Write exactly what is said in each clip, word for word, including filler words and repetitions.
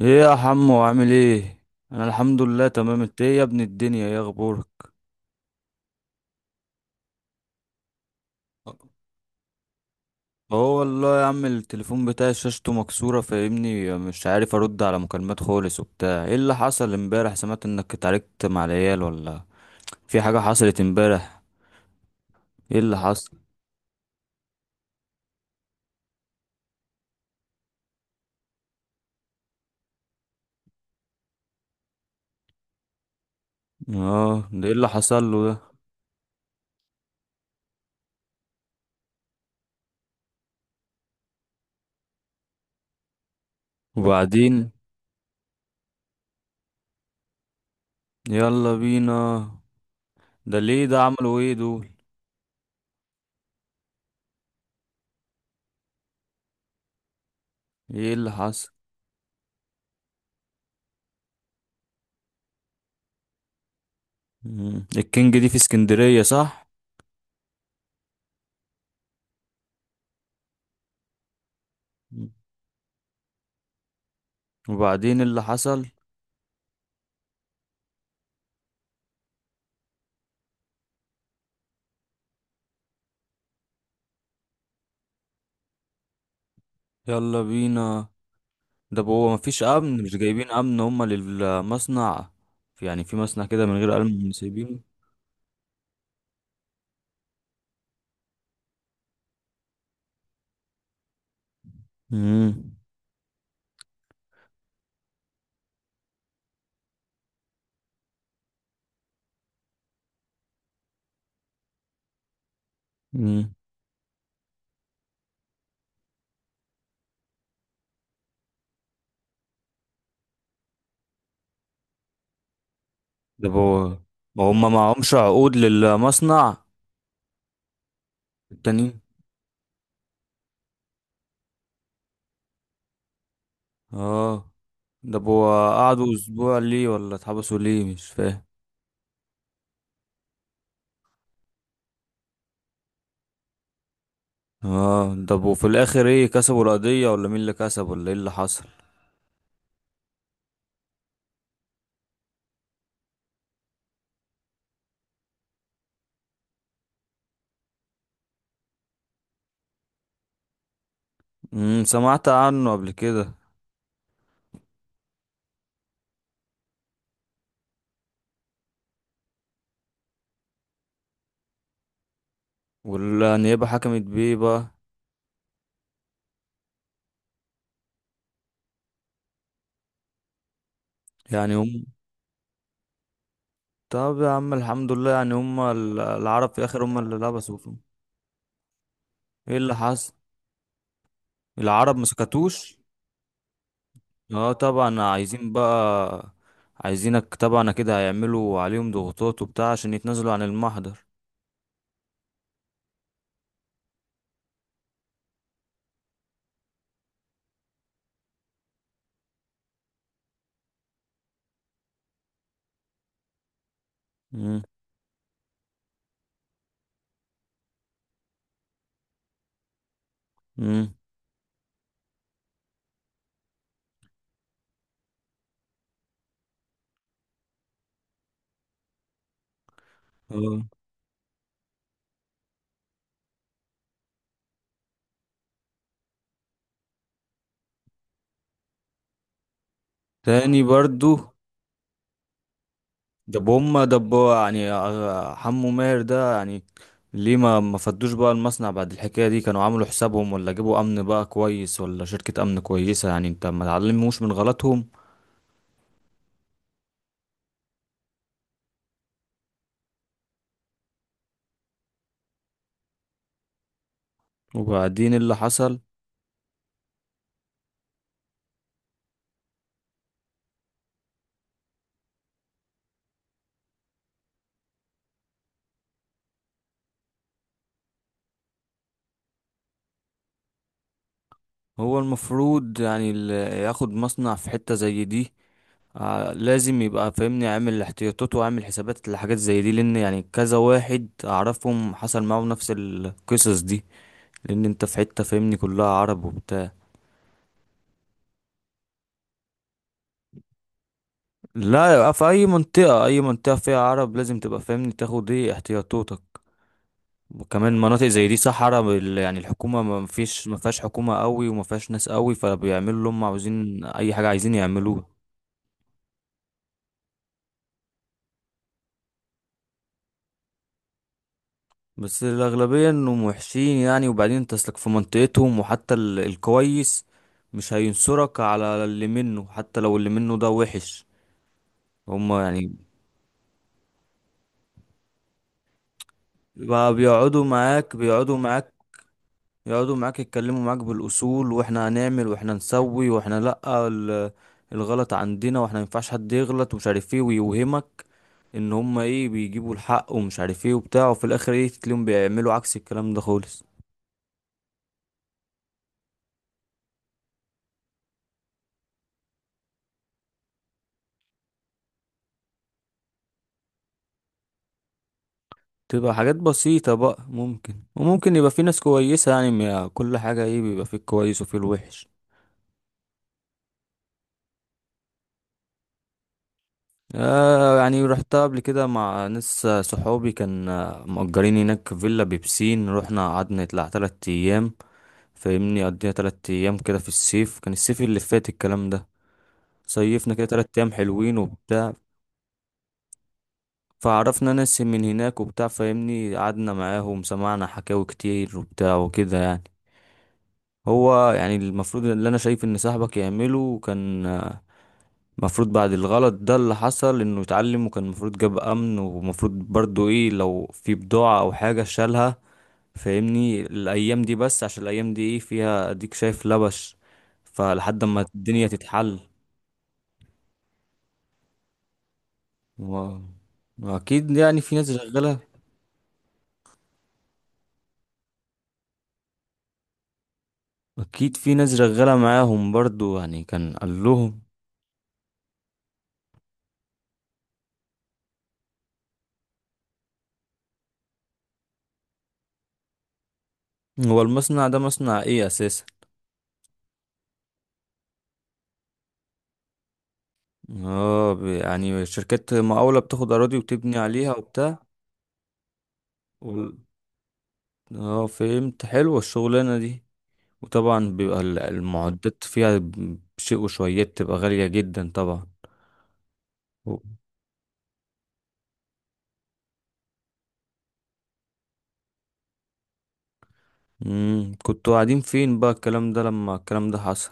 ايه يا حمو؟ عامل ايه؟ انا الحمد لله تمام. انت ايه يا ابن الدنيا؟ ايه اخبارك؟ هو والله يا عم، التليفون بتاعي شاشته مكسوره فاهمني، مش عارف ارد على مكالمات خالص وبتاع. ايه اللي حصل امبارح؟ سمعت انك اتعاركت مع العيال ولا في حاجه حصلت امبارح؟ ايه اللي حصل؟ اه، ده ايه اللي حصل له ده؟ وبعدين؟ يلا بينا. ده ليه؟ ده عملوا ايه دول؟ ايه اللي حصل؟ مم. الكينج دي في اسكندريه، صح؟ مم. وبعدين إيه اللي حصل؟ يلا بينا. ده هو مفيش امن؟ مش جايبين امن هما للمصنع؟ يعني في مصنع كده من غير امن سايبينه؟ امم. امم. ده هو. ما هما معهمش عقود للمصنع؟ التانيين؟ اه. ده هو. قعدوا اسبوع ليه ولا اتحبسوا ليه؟ مش فاهم. اه، ده هو في الاخر ايه؟ كسبوا القضية ولا مين اللي كسب ولا ايه اللي حصل؟ امم سمعت عنه قبل كده. والنيابة حكمت بيه بقى؟ يعني هم. طب يا عم الحمد لله، يعني هم ال- العرب في الاخر هم اللي لبسوا فيهم؟ ايه اللي حصل؟ العرب ما سكتوش؟ اه طبعا، عايزين بقى. عايزينك طبعا كده، هيعملوا عليهم ضغوطات وبتاع عشان يتنازلوا عن المحضر. امم. امم. اه، تاني برضو؟ دب هم دب يعني آه، حمو ماهر ده يعني. ليه ما ما فدوش بقى المصنع بعد الحكاية دي؟ كانوا عملوا حسابهم ولا جابوا امن بقى كويس ولا شركة امن كويسة؟ يعني انت ما تعلموش من غلطهم. وبعدين إيه اللي حصل؟ هو المفروض يعني اللي ياخد مصنع في حتة زي دي آه، لازم يبقى فاهمني عامل احتياطاته وعامل حسابات لحاجات زي دي، لان يعني كذا واحد اعرفهم حصل معاهم نفس القصص دي. لان انت في حتة فاهمني كلها عرب وبتاع. لا، يبقى في اي منطقة، اي منطقة فيها عرب لازم تبقى فاهمني تاخد ايه احتياطاتك. وكمان مناطق زي دي صحراء بال- يعني الحكومة، ما فيش، ما فيهاش حكومة قوي وما فيهاش ناس قوي، فبيعملوا اللي هم عاوزين اي حاجة عايزين يعملوها. بس الأغلبية إنهم وحشين يعني، وبعدين أنت أصلك في منطقتهم، وحتى ال- الكويس مش هينصرك على اللي منه حتى لو اللي منه ده وحش. هما يعني. بقى بيقعدوا معاك بيقعدوا معاك يقعدوا معاك يتكلموا معاك بالأصول، وإحنا هنعمل وإحنا نسوي وإحنا لأ، ال- الغلط عندنا، وإحنا مينفعش حد يغلط ومش عارف إيه ويوهمك إن هما إيه بيجيبوا الحق ومش عارف إيه وبتاع، وفي الآخر إيه تلاقيهم بيعملوا عكس الكلام ده خالص. تبقى حاجات بسيطة بقى، ممكن وممكن يبقى في ناس كويسة يعني، ما- كل حاجة ايه بيبقى فيه الكويس وفيه الوحش. آه، يعني رحتها قبل كده مع ناس آه، صحابي كان آه، مأجرين هناك فيلا بيبسين، رحنا قعدنا نطلع تلات أيام. فاهمني قضينا تلات أيام كده في الصيف، كان الصيف اللي فات الكلام ده. صيفنا كده تلات أيام حلوين وبتاع. فعرفنا ناس من هناك وبتاع، فاهمني قعدنا معاهم سمعنا حكاوي كتير وبتاع وكده يعني. هو يعني المفروض اللي انا شايف ان صاحبك يعمله كان آه، المفروض بعد الغلط ده اللي حصل انه يتعلم، وكان المفروض جاب امن، ومفروض برضو ايه لو في بضاعة او حاجة شالها فاهمني الايام دي، بس عشان الايام دي ايه فيها اديك شايف لبش، فلحد ما الدنيا تتحل. و... واكيد يعني في ناس شغالة. اكيد في ناس شغالة معاهم برضو يعني، كان قال لهم. هو المصنع ده مصنع ايه اساسا؟ اه ب- يعني شركات مقاولة بتاخد أراضي وتبني عليها وبتاع. وال- اه، فهمت، حلوة الشغلانة دي. وطبعا بيبقى ال- المعدات فيها ب- بشيء وشويات تبقى غالية جدا طبعا. و- مم. كنتوا قاعدين فين بقى الكلام ده لما الكلام ده حصل؟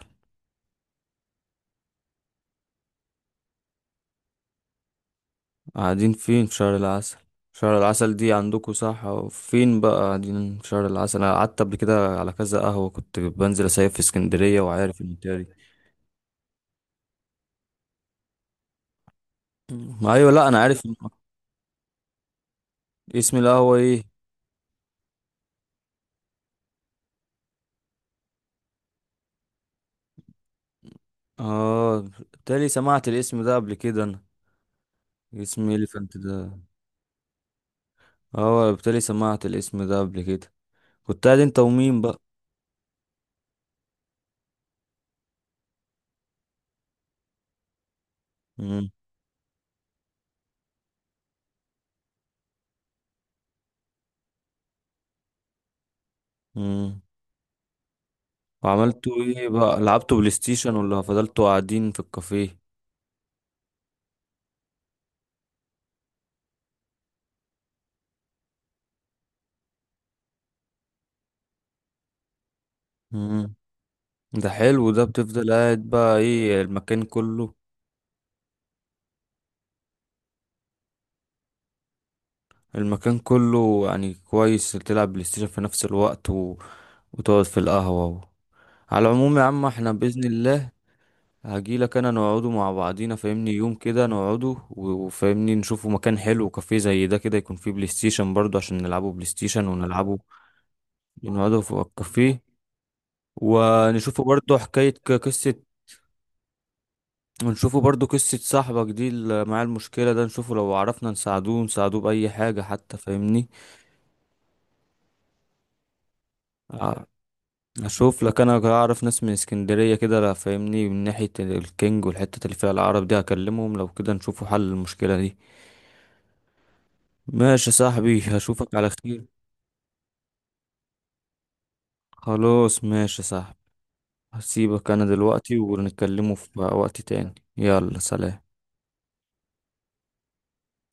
قاعدين فين؟ في شهر العسل؟ شهر العسل دي عندكوا، صح؟ فين بقى قاعدين في شهر العسل؟ انا قعدت قبل كده على كذا قهوة، كنت بنزل اسيف في اسكندرية وعارف المنطقة دي. مم. ايوه، لا انا عارف الم- اسم القهوة ايه؟ اه، بالتالي سمعت الاسم ده قبل كده انا. اسم اليفنت ده. اه، بالتالي سمعت الاسم ده قبل كده. كنت قاعد انت ومين بقى؟ امم امم وعملتوا ايه بقى؟ لعبتوا بلاي ستيشن ولا فضلتوا قاعدين في الكافيه؟ امم. ده حلو ده، بتفضل قاعد بقى ايه المكان كله؟ المكان كله يعني كويس، تلعب بلاي ستيشن في نفس الوقت و... وتقعد في القهوة و... على العموم يا عم احنا بإذن الله هجيلك انا، نقعدوا مع بعضينا فاهمني يوم كده، نقعدوا و- وفاهمني نشوفوا مكان حلو كافيه زي ده كده، يكون فيه بلاي ستيشن برضو عشان نلعبوا بلاي ستيشن ونلعبوا، نقعدوا في الكافيه، ونشوفوا برضو حكاية ك- قصة. ونشوفوا برضو قصة صاحبك دي اللي معاه المشكلة ده، نشوفه لو عرفنا نساعدوه نساعدوه بأي حاجة حتى فاهمني. آه، اشوف لك، انا اعرف ناس من اسكندرية كده، لا فاهمني من ناحية الكينج والحتة اللي فيها العرب دي هكلمهم لو كده نشوفوا حل المشكلة دي. ماشي يا صاحبي، هشوفك على خير. خلاص ماشي يا صاحبي. هسيبك انا دلوقتي، ونتكلموا في وقت تاني. يلا، سلام.